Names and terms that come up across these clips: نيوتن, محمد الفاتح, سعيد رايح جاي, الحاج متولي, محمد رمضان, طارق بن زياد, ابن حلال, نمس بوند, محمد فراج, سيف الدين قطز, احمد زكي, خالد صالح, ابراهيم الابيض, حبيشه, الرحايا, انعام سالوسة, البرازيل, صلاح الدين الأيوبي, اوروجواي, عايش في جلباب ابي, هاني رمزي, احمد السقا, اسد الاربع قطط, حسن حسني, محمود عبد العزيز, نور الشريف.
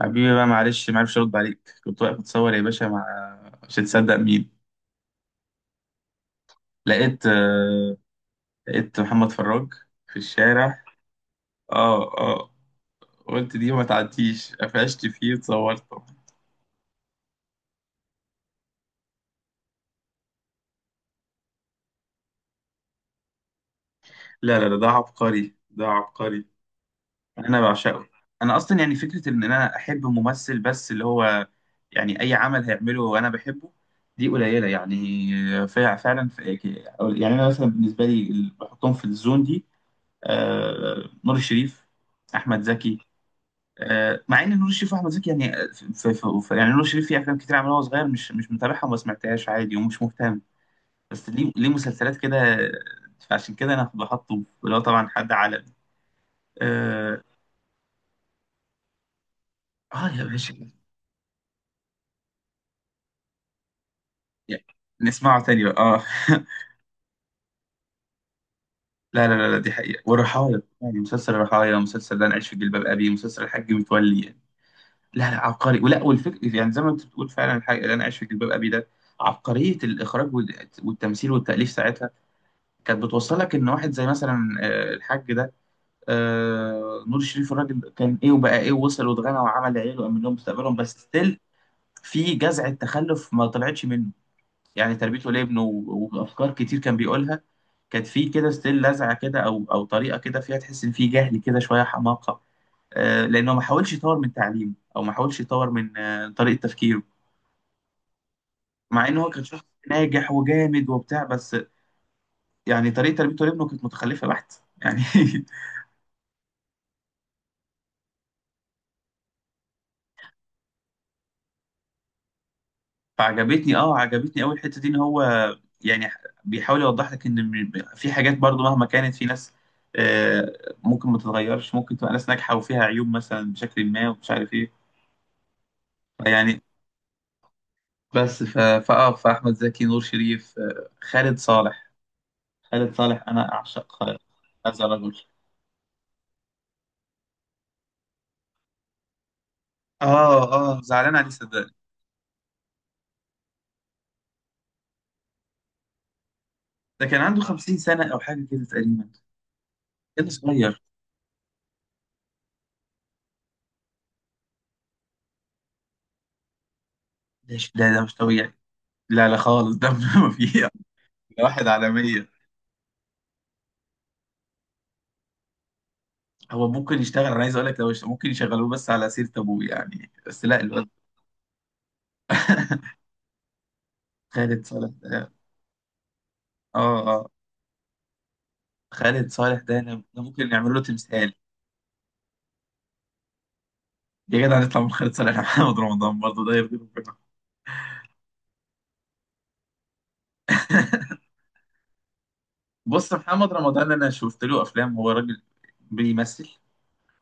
حبيبي بقى معلش ما عرفش ارد عليك، كنت واقف اتصور يا باشا مع مش هتصدق مين. لقيت لقيت محمد فراج في الشارع. اه اه، قلت دي ما تعديش قفشت فيه اتصورته. لا لا لا، ده عبقري، ده عبقري. انا بعشقه. انا اصلا يعني فكره ان انا احب ممثل بس اللي هو يعني اي عمل هيعمله وانا بحبه، دي قليله يعني. فعلا يعني انا مثلا بالنسبه لي بحطهم في الزون دي. نور الشريف، احمد زكي. مع ان نور الشريف واحمد زكي يعني، في يعني نور الشريف في افلام كتير عملها وهو صغير مش متابعها وما سمعتهاش عادي ومش مهتم، بس ليه مسلسلات كده. فعشان كده انا بحطه اللي هو طبعا حد عالمي. اه. آه يا باشا، يعني نسمعه تاني بقى اه لا لا لا لا، دي حقيقة. والرحايا يعني مسلسل الرحايا، مسلسل ده انا عايش في جلباب ابي، مسلسل الحاج متولي. لا لا عبقري ولا، والفكر يعني زي ما انت بتقول فعلا، الحاجه اللي انا عايش في جلباب ابي ده، عبقريه الاخراج والتمثيل والتاليف ساعتها، كانت بتوصل لك ان واحد زي مثلا الحاج ده، نور الشريف، الراجل كان ايه وبقى ايه ووصل واتغنى وعمل عيله وامن لهم مستقبلهم، بس ستيل في جزعه تخلف ما طلعتش منه، يعني تربيته لابنه وافكار كتير كان بيقولها كانت في كده ستيل لزعه كده، او او طريقه كده فيها تحس ان في جهل كده، شويه حماقه. لانه ما حاولش يطور من تعليمه او ما حاولش يطور من طريقه تفكيره. مع ان هو كان شخص ناجح وجامد وبتاع، بس يعني طريقه تربيته لابنه كانت متخلفه بحت يعني. فعجبتني، اه عجبتني قوي الحته دي، ان هو يعني بيحاول يوضح لك ان في حاجات برضو مهما كانت في ناس، آه، ممكن ما تتغيرش، ممكن تبقى ناس ناجحه وفيها عيوب مثلا بشكل ما ومش عارف ايه يعني. بس ف... فاحمد زكي، نور شريف، خالد صالح. خالد صالح انا اعشق هذا الرجل. اه اه، زعلان عليه صدقني. ده كان عنده 50 سنه او حاجه كده تقريبا، كان صغير. ده ده مش طبيعي. لا لا خالص ده ما فيه. ده واحد على 100. هو ممكن يشتغل، انا عايز اقول لك، لو ممكن يشغلوه بس على سيرة ابوه، يعني بس لا الواد. خالد صالح ده، اه اه، خالد صالح ده ده ممكن نعمل له تمثال. يا جدع نطلع من خالد صالح محمد رمضان؟ برضه ده يرضي ربنا؟ بص، محمد رمضان انا شفت له افلام، هو راجل بيمثل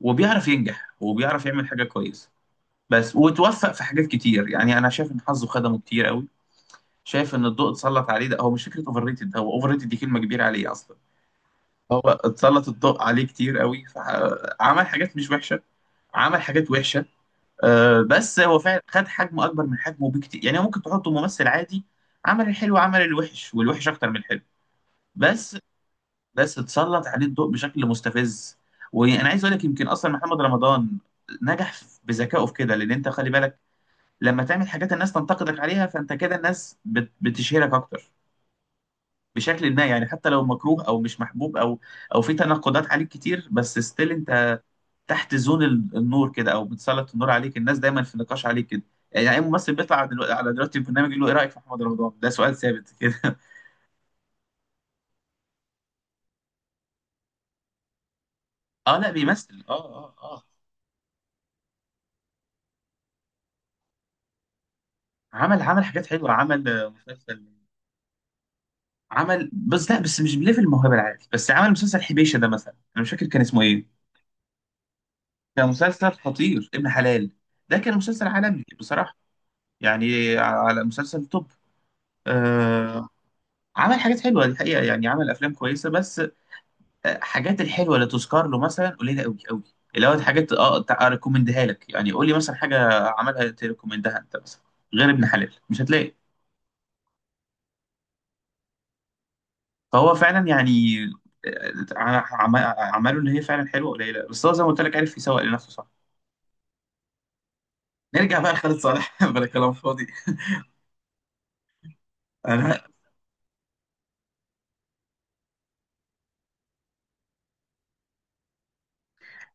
وبيعرف ينجح وبيعرف يعمل حاجه كويسه، بس وتوفق في حاجات كتير. يعني انا شايف ان حظه خدمه كتير قوي، شايف ان الضوء اتسلط عليه. ده هو مش فكره اوفر ريتد، هو اوفر ريتد دي كلمه كبيره عليه اصلا. هو اتسلط الضوء عليه كتير قوي، فعمل حاجات مش وحشه، عمل حاجات وحشه. بس هو فعلا خد حجم اكبر من حجمه بكتير، يعني ممكن تحطه ممثل عادي. عمل الحلو عمل الوحش، والوحش اكتر من الحلو بس. بس اتسلط عليه الضوء بشكل مستفز. وانا عايز اقول لك يمكن اصلا محمد رمضان نجح بذكائه في كده، لان انت خلي بالك، لما تعمل حاجات الناس تنتقدك عليها، فانت كده الناس بتشهرك اكتر بشكل ما، يعني حتى لو مكروه او مش محبوب، او او في تناقضات عليك كتير، بس ستيل انت تحت زون النور كده، او بتسلط النور عليك، الناس دايما في نقاش عليك كده. يعني اي ممثل بيطلع دلوقتي على دلوقتي البرنامج يقول له ايه رايك في محمد رمضان؟ ده سؤال ثابت كده اه لا بيمثل، اه اه اه. عمل عمل حاجات حلوه، عمل مسلسل، عمل، بس لا بس مش بليفل الموهبه العادي، بس عمل مسلسل حبيشه ده مثلا، انا مش فاكر كان اسمه ايه. كان مسلسل خطير، ابن حلال ده كان مسلسل عالمي بصراحه، يعني على مسلسل توب. آه، عمل حاجات حلوه دي حقيقه، يعني عمل افلام كويسه، بس حاجات الحلوه اللي تذكر له مثلا قليله قوي قوي، اللي هو حاجات اه اريكومندها لك، يعني قول لي مثلا حاجه عملها تريكومندها انت مثلا، غير ابن حلال مش هتلاقي. فهو فعلا يعني اعماله اللي هي فعلا حلوه قليله، بس هو زي ما قلت لك عارف يسوق لنفسه، صح. نرجع بقى لخالد صالح بلا كلام فاضي. انا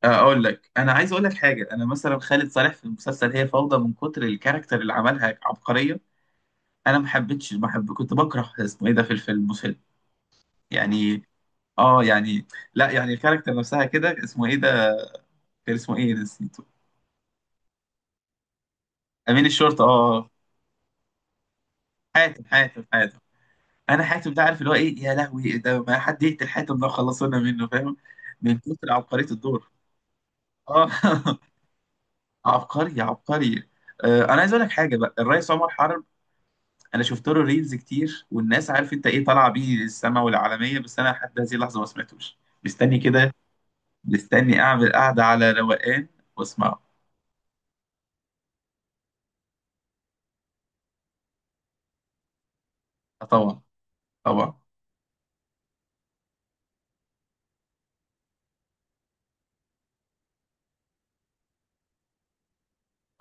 اقول لك، انا عايز اقول لك حاجه، انا مثلا خالد صالح في المسلسل هي فوضى من كتر الكاركتر اللي عملها، عبقريه. انا ما حب كنت بكره اسمه ايه ده في الفيلم مسل يعني، اه يعني لا يعني الكاركتر نفسها كده، اسمه ايه ده؟ كان اسمه ايه نسيته؟ امين الشرطه، اه آه. حاتم حاتم حاتم. انا حاتم ده عارف اللي هو ايه، يا لهوي إيه ده، ما حد يقتل حاتم ده خلصونا منه، فاهم، من كتر عبقريه الدور. اه عبقري عبقري. آه انا عايز اقول لك حاجه بقى، الرئيس عمر حرب، انا شفت له ريلز كتير، والناس عارف انت ايه طالعه بيه السما والعالميه، بس انا لحد هذه اللحظه ما سمعتوش. مستني كده، مستني اعمل قعده على روقان واسمعه. آه طبعا، طبعا.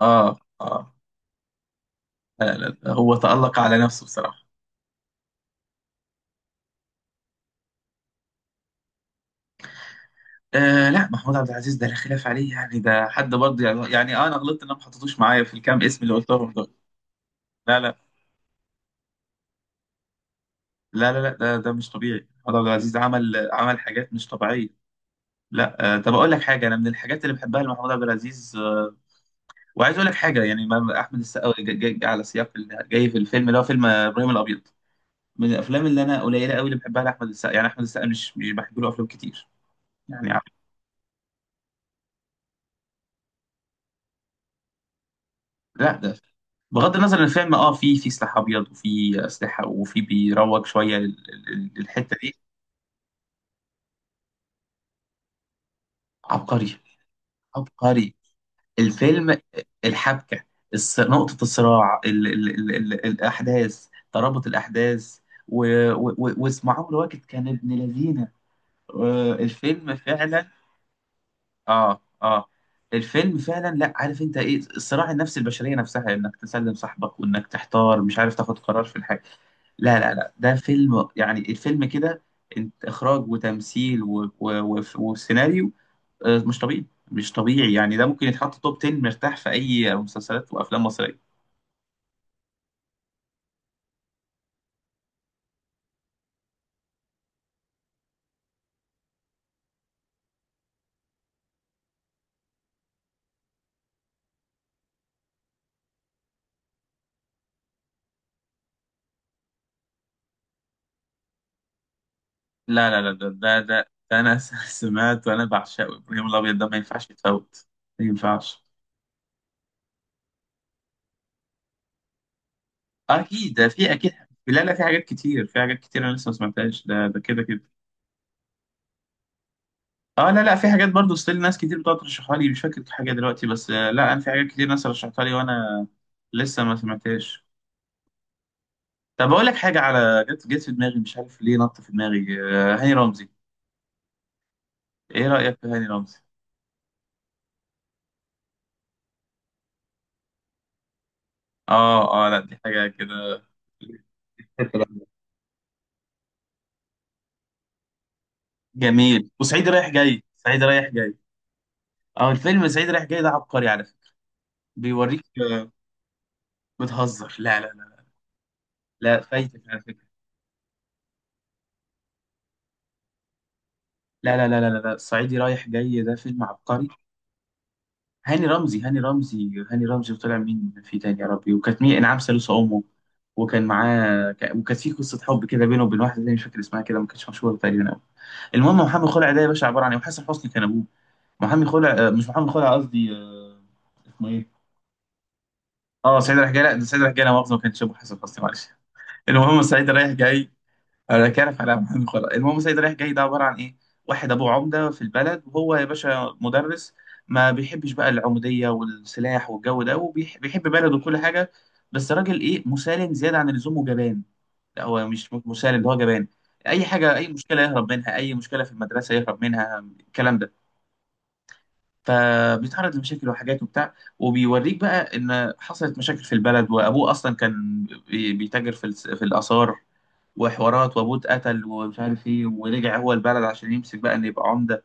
اه اه، لا لا لا، هو تألق على نفسه بصراحه. آه لا محمود عبد العزيز ده لا خلاف عليه، يعني ده حد برضه يعني يعني انا غلطت ان انا ما حطيتوش معايا في الكام اسم اللي قلتهم دول. لا لا لا لا لا، ده ده مش طبيعي. محمود عبد العزيز عمل عمل حاجات مش طبيعيه. لا، آه طب اقول لك حاجه، انا من الحاجات اللي بحبها لمحمود عبد العزيز آه، وعايز اقول لك حاجه يعني احمد السقا جاي جاي على سياق جاي في الفيلم اللي هو فيلم ابراهيم الابيض، من الافلام اللي انا قليله قوي اللي بحبها لاحمد السقا، يعني احمد السقا مش بحب له افلام كتير، يعني عم- لا ده بغض النظر ان الفيلم اه في سلاح ابيض وفي اسلحه وفي بيروج شويه للحته دي. عبقري، عبقري الفيلم، الحبكه، نقطه الصراع، ال ال ال ال الاحداث، ترابط الاحداث، واسم عمرو واكد كان ابن لذينه. الفيلم فعلا، اه اه الفيلم فعلا لا، عارف انت ايه؟ الصراع النفسي، البشريه نفسها، انك تسلم صاحبك، وانك تحتار مش عارف تاخد قرار في الحاجه. لا لا لا، ده فيلم يعني، الفيلم كده انت، اخراج وتمثيل و... و... و... وسيناريو، مش طبيعي، مش طبيعي، يعني ده ممكن يتحط توب 10 مرتاح في اي مسلسلات وافلام مصريه. لا لا لا ده ده, ده, ده انا سمعت، وانا بعشقه ابراهيم الابيض ده ما ينفعش يتفوت، ما ينفعش. اكيد ده في اكيد، لا لا في حاجات كتير، في حاجات كتير انا لسه ما سمعتهاش، ده ده كده كده. اه لا لا، في حاجات برضو ستيل ناس كتير بتقعد ترشحها لي، مش فاكر حاجه دلوقتي، بس لا انا في حاجات كتير ناس رشحتها لي وانا لسه ما سمعتهاش. طب اقول لك حاجه، على جت جت في دماغي، مش عارف ليه نط في دماغي، هاني رمزي. ايه رايك في هاني رمزي؟ اه اه لا، دي حاجه كده جميل، وسعيد رايح جاي، سعيد رايح جاي. اه الفيلم سعيد رايح جاي ده عبقري على فكره، بيوريك. آه، بتهزر؟ لا لا لا، لا فايتك على فكره. لا لا لا لا لا لا، الصعيدي رايح جاي ده فيلم عبقري. هاني رمزي، هاني رمزي، هاني رمزي وطلع مين في تاني يا ربي، وكانت مين انعام سالوسة امه، وكان معاه وكانت في قصه حب كده بينه وبين واحده تانية، مش فاكر اسمها، كده ما كانتش مشهوره تقريبا قوي. المهم، محمد خلع ده يا باشا عباره عن ايه؟ وحسن حسني كان ابوه. محمد خلع مش محمد خلع قصدي، اسمه ايه؟ اه سعيد رايح جاي، لا ده سعيد رايح جاي، لا مؤاخذه ما كانش ابو حسن حسني، معلش. المهم سعيد رايح جاي، انا كارف على محمد خلاص. المهم سيد رايح جاي ده عباره عن ايه؟ واحد ابوه عمده في البلد، وهو يا باشا مدرس، ما بيحبش بقى العموديه والسلاح والجو ده، وبيحب بلده وكل حاجه، بس راجل ايه، مسالم زياده عن اللزوم، وجبان. لا هو مش مسالم ده، هو جبان. اي حاجه، اي مشكله يهرب منها، اي مشكله في المدرسه يهرب منها، الكلام ده. فبيتعرض لمشاكل وحاجات وبتاع، وبيوريك بقى ان حصلت مشاكل في البلد، وابوه اصلا كان بيتاجر في في الاثار وحوارات، وابوه اتقتل ومش عارف ايه، ورجع هو البلد عشان يمسك بقى ان يبقى عمده.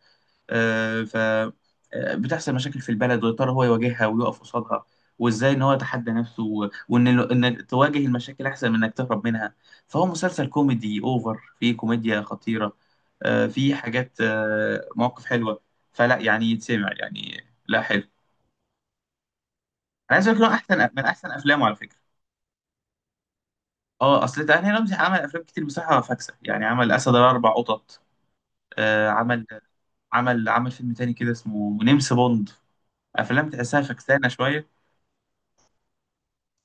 آه، ف بتحصل مشاكل في البلد، ويا ترى هو يواجهها ويقف قصادها، وازاي ان هو يتحدى نفسه وان انك تواجه المشاكل احسن من انك تهرب منها. فهو مسلسل كوميدي اوفر، فيه كوميديا خطيره، فيه حاجات مواقف حلوه، فلا يعني يتسمع يعني، لا حلو. انا عايز اقول لك إن هو احسن من احسن افلامه على فكره. اه اصل تعني رمزي عمل افلام كتير بصراحه فاكسه، يعني عمل اسد الاربع قطط، عمل عمل فيلم تاني كده اسمه نمس بوند، افلام تحسها فكسانه شويه.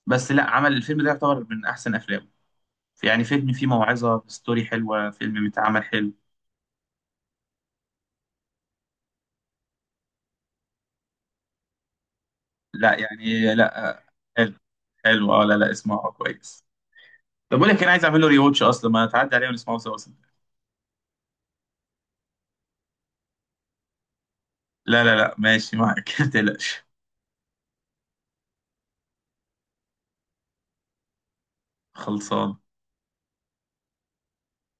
بس لا عمل الفيلم ده يعتبر من احسن افلامه، يعني فيلم فيه موعظه، ستوري حلوه، فيلم متعمل حلو. لا يعني لا، حلو حلو اه، لا لا اسمعه كويس. طب بقول لك، انا عايز اعمل له ري واتش اصلا، ما تعدي عليه ونسمعه سوا اصلا. لا لا لا ماشي معاك ما تقلقش، خلصان.